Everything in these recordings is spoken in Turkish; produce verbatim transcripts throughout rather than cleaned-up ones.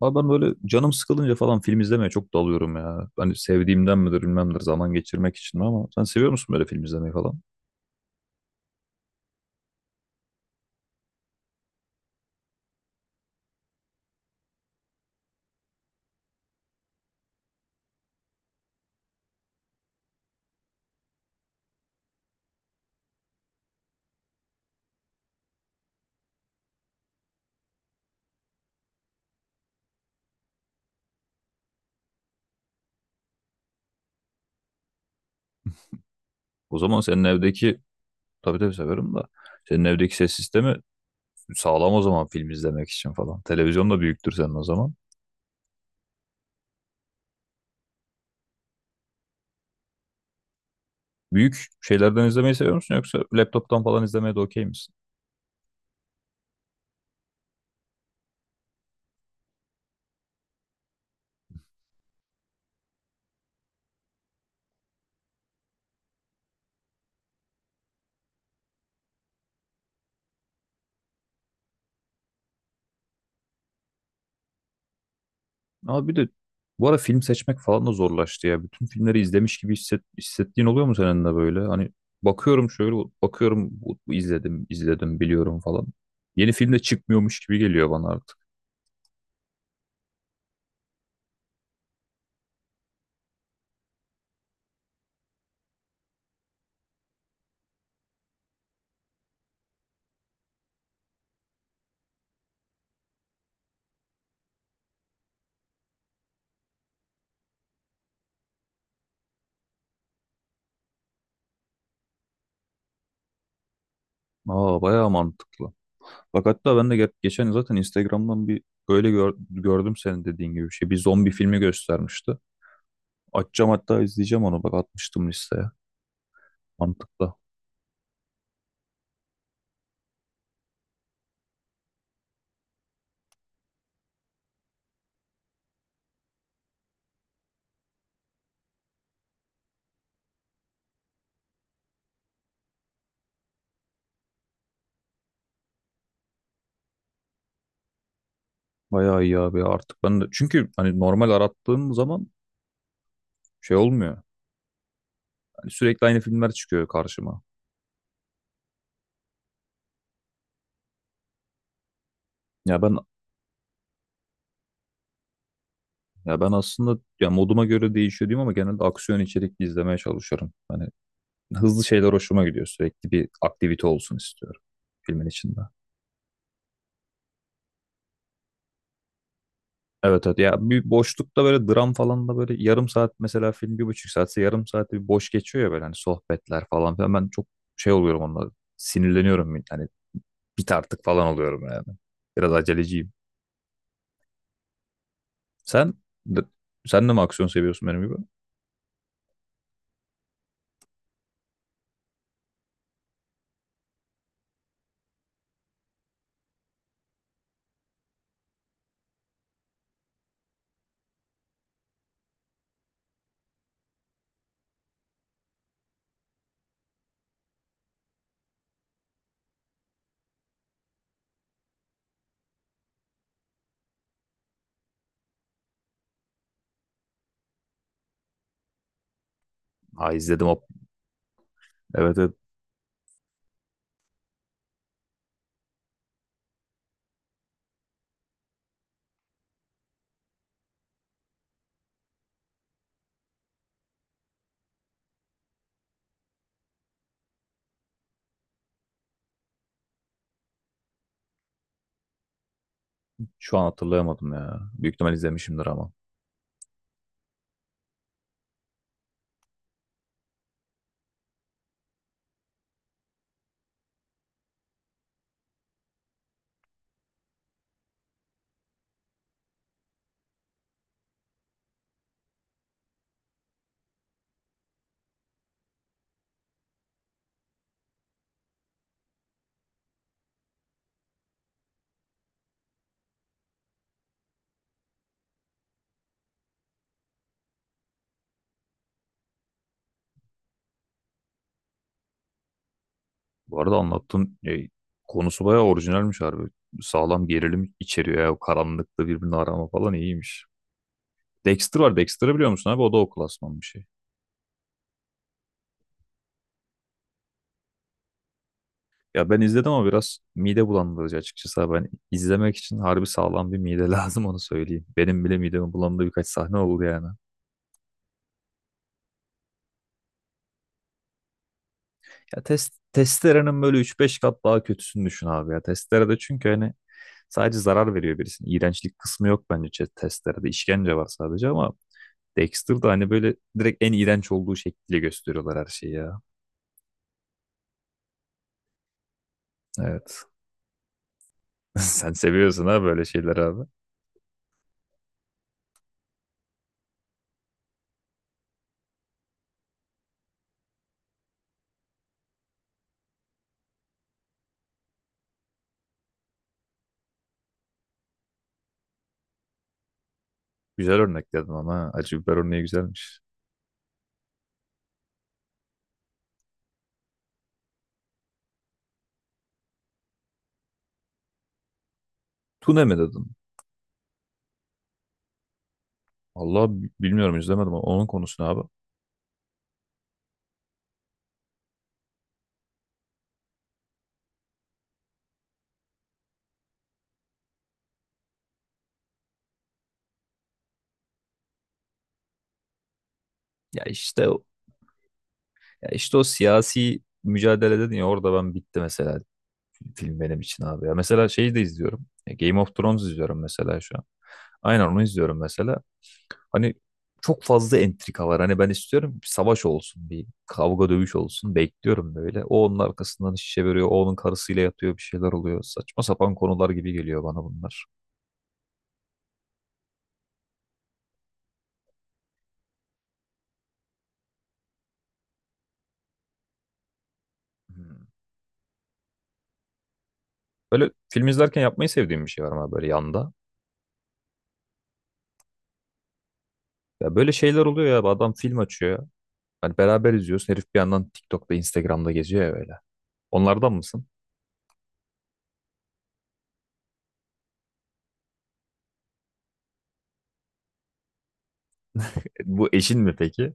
Abi ben böyle canım sıkılınca falan film izlemeye çok dalıyorum ya. Hani sevdiğimden midir bilmemdir zaman geçirmek için mi, ama sen seviyor musun böyle film izlemeyi falan? O zaman senin evdeki, tabii tabii severim da, senin evdeki ses sistemi sağlam o zaman film izlemek için falan. Televizyon da büyüktür senin o zaman. Büyük şeylerden izlemeyi seviyor musun yoksa laptoptan falan izlemeye de okey misin? Ama bir de bu ara film seçmek falan da zorlaştı ya. Bütün filmleri izlemiş gibi hisset, hissettiğin oluyor mu senin de böyle? Hani bakıyorum, şöyle bakıyorum, bu- bu izledim izledim biliyorum falan. Yeni film de çıkmıyormuş gibi geliyor bana artık. Aa, bayağı mantıklı. Bak hatta ben de ge- geçen zaten Instagram'dan bir böyle gör- gördüm senin dediğin gibi bir şey. Bir zombi filmi göstermişti. Açacağım, hatta izleyeceğim onu. Bak, atmıştım listeye. Mantıklı. Bayağı iyi abi, artık ben de. Çünkü hani normal arattığım zaman şey olmuyor. Hani sürekli aynı filmler çıkıyor karşıma. Ya ben ya ben aslında, ya moduma göre değişiyor diyeyim, ama genelde aksiyon içerikli izlemeye çalışıyorum. Hani hızlı şeyler hoşuma gidiyor. Sürekli bir aktivite olsun istiyorum filmin içinde. Evet, evet, ya bir boşlukta böyle dram falan da böyle yarım saat, mesela film bir buçuk saatse yarım saat bir boş geçiyor ya, böyle hani sohbetler falan filan, ben çok şey oluyorum onunla, sinirleniyorum, hani bit artık falan oluyorum yani. Biraz aceleciyim. Sen de- sen de mi aksiyon seviyorsun benim gibi? Ha, izledim o. Evet, evet. Şu an hatırlayamadım ya. Büyük ihtimal izlemişimdir ama. Bu arada anlattığın e, konusu bayağı orijinalmiş harbi. Sağlam gerilim içeriyor ya. O karanlıkta birbirini arama falan iyiymiş. Dexter var. Dexter'ı biliyor musun abi? O da o klasman bir şey. Ya ben izledim ama biraz mide bulandırıcı açıkçası, abi. Ben izlemek için harbi sağlam bir mide lazım, onu söyleyeyim. Benim bile midemi bulandığı birkaç sahne oldu yani. Ya test, testerenin böyle üç beş kat daha kötüsünü düşün abi ya. Testerede çünkü hani sadece zarar veriyor birisine. İğrençlik kısmı yok bence chess testlerde. İşkence var sadece, ama Dexter'da hani böyle direkt en iğrenç olduğu şekliyle gösteriyorlar her şeyi ya. Evet. Sen seviyorsun ha böyle şeyler abi. Güzel örnek dedin ama ha, acı biber örneği güzelmiş. Tune mi dedin? Allah, bilmiyorum, izlemedim, ama onun konusu ne abi? Ya işte o- ya işte o siyasi mücadele dedin ya, orada ben bitti mesela film benim için abi ya. Mesela şeyi de izliyorum. E, Game of Thrones izliyorum mesela şu an. Aynen, onu izliyorum mesela. Hani çok fazla entrika var. Hani ben istiyorum bir savaş olsun, bir kavga dövüş olsun. Bekliyorum böyle. O onun arkasından şişe veriyor, o onun karısıyla yatıyor, bir şeyler oluyor. Saçma sapan konular gibi geliyor bana bunlar. Hmm. Böyle film izlerken yapmayı sevdiğim bir şey var, ama böyle yanda. Ya böyle şeyler oluyor ya. Adam film açıyor. Hani beraber izliyoruz. Herif bir yandan TikTok'ta, Instagram'da geziyor ya böyle. Onlardan mısın? E, Bu eşin mi peki?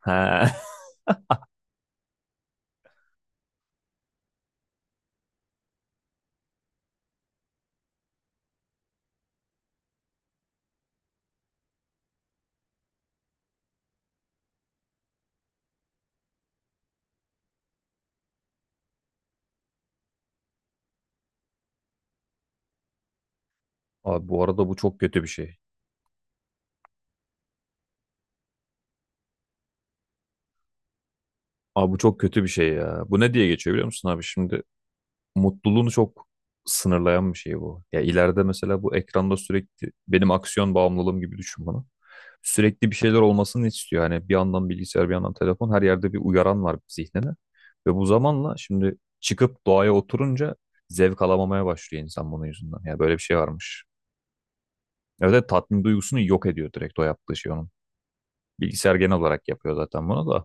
Ha. Abi bu arada bu çok kötü bir şey. Abi bu çok kötü bir şey ya. Bu ne diye geçiyor biliyor musun abi? Şimdi mutluluğunu çok sınırlayan bir şey bu. Ya ileride mesela bu ekranda sürekli benim aksiyon bağımlılığım gibi düşün bunu. Sürekli bir şeyler olmasını istiyor. Hani bir yandan bilgisayar, bir yandan telefon, her yerde bir uyaran var zihnine. Ve bu zamanla, şimdi çıkıp doğaya oturunca zevk alamamaya başlıyor insan bunun yüzünden. Ya böyle bir şey varmış. Evet, evet, tatmin duygusunu yok ediyor direkt, o yaptığı şey onun. Bilgisayar genel olarak yapıyor zaten bunu da.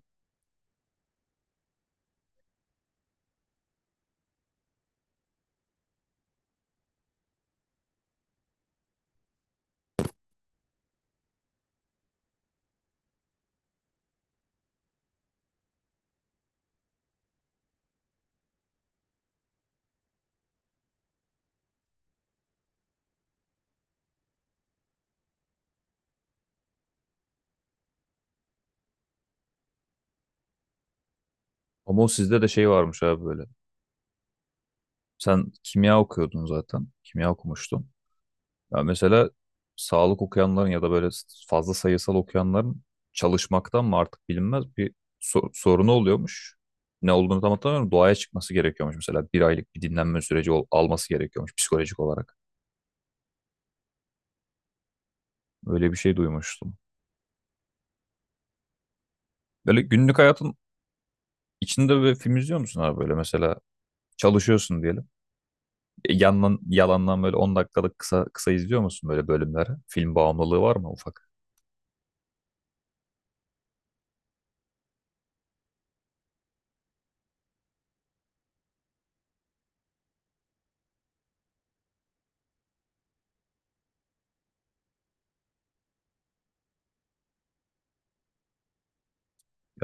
Ama o sizde de şey varmış abi böyle. Sen kimya okuyordun zaten. Kimya okumuştun. Ya mesela sağlık okuyanların ya da böyle fazla sayısal okuyanların, çalışmaktan mı artık bilinmez, bir so- sorunu oluyormuş. Ne olduğunu tam hatırlamıyorum. Doğaya çıkması gerekiyormuş mesela. Bir aylık bir dinlenme süreci ol- alması gerekiyormuş psikolojik olarak. Öyle bir şey duymuştum. Böyle günlük hayatın içinde böyle film izliyor musun abi, böyle mesela çalışıyorsun diyelim. E, Yandan, yalandan böyle on dakikalık kısa kısa izliyor musun böyle bölümleri? Film bağımlılığı var mı ufak?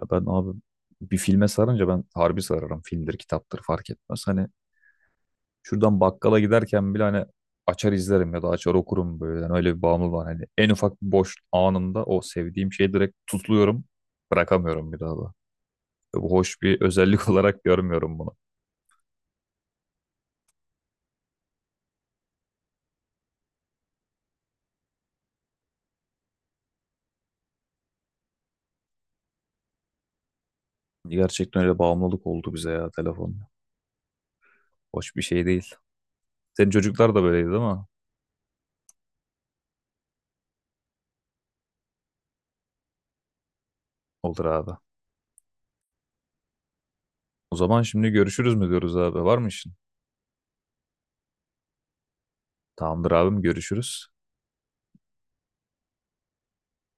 Ya ben abi, bir filme sarınca ben harbi sararım. Filmdir, kitaptır fark etmez. Hani şuradan bakkala giderken bile hani açar izlerim ya da açar okurum böyle. Yani öyle bir bağımlılığı var. Hani en ufak bir boş anımda o sevdiğim şeyi direkt tutluyorum. Bırakamıyorum bir daha da. Bu hoş bir özellik olarak görmüyorum bunu. Gerçekten öyle bağımlılık oldu bize ya telefon. Hoş bir şey değil. Senin çocuklar da böyleydi değil mi? Olur abi. O zaman şimdi görüşürüz mü diyoruz abi? Var mı işin? Tamamdır abim, görüşürüz.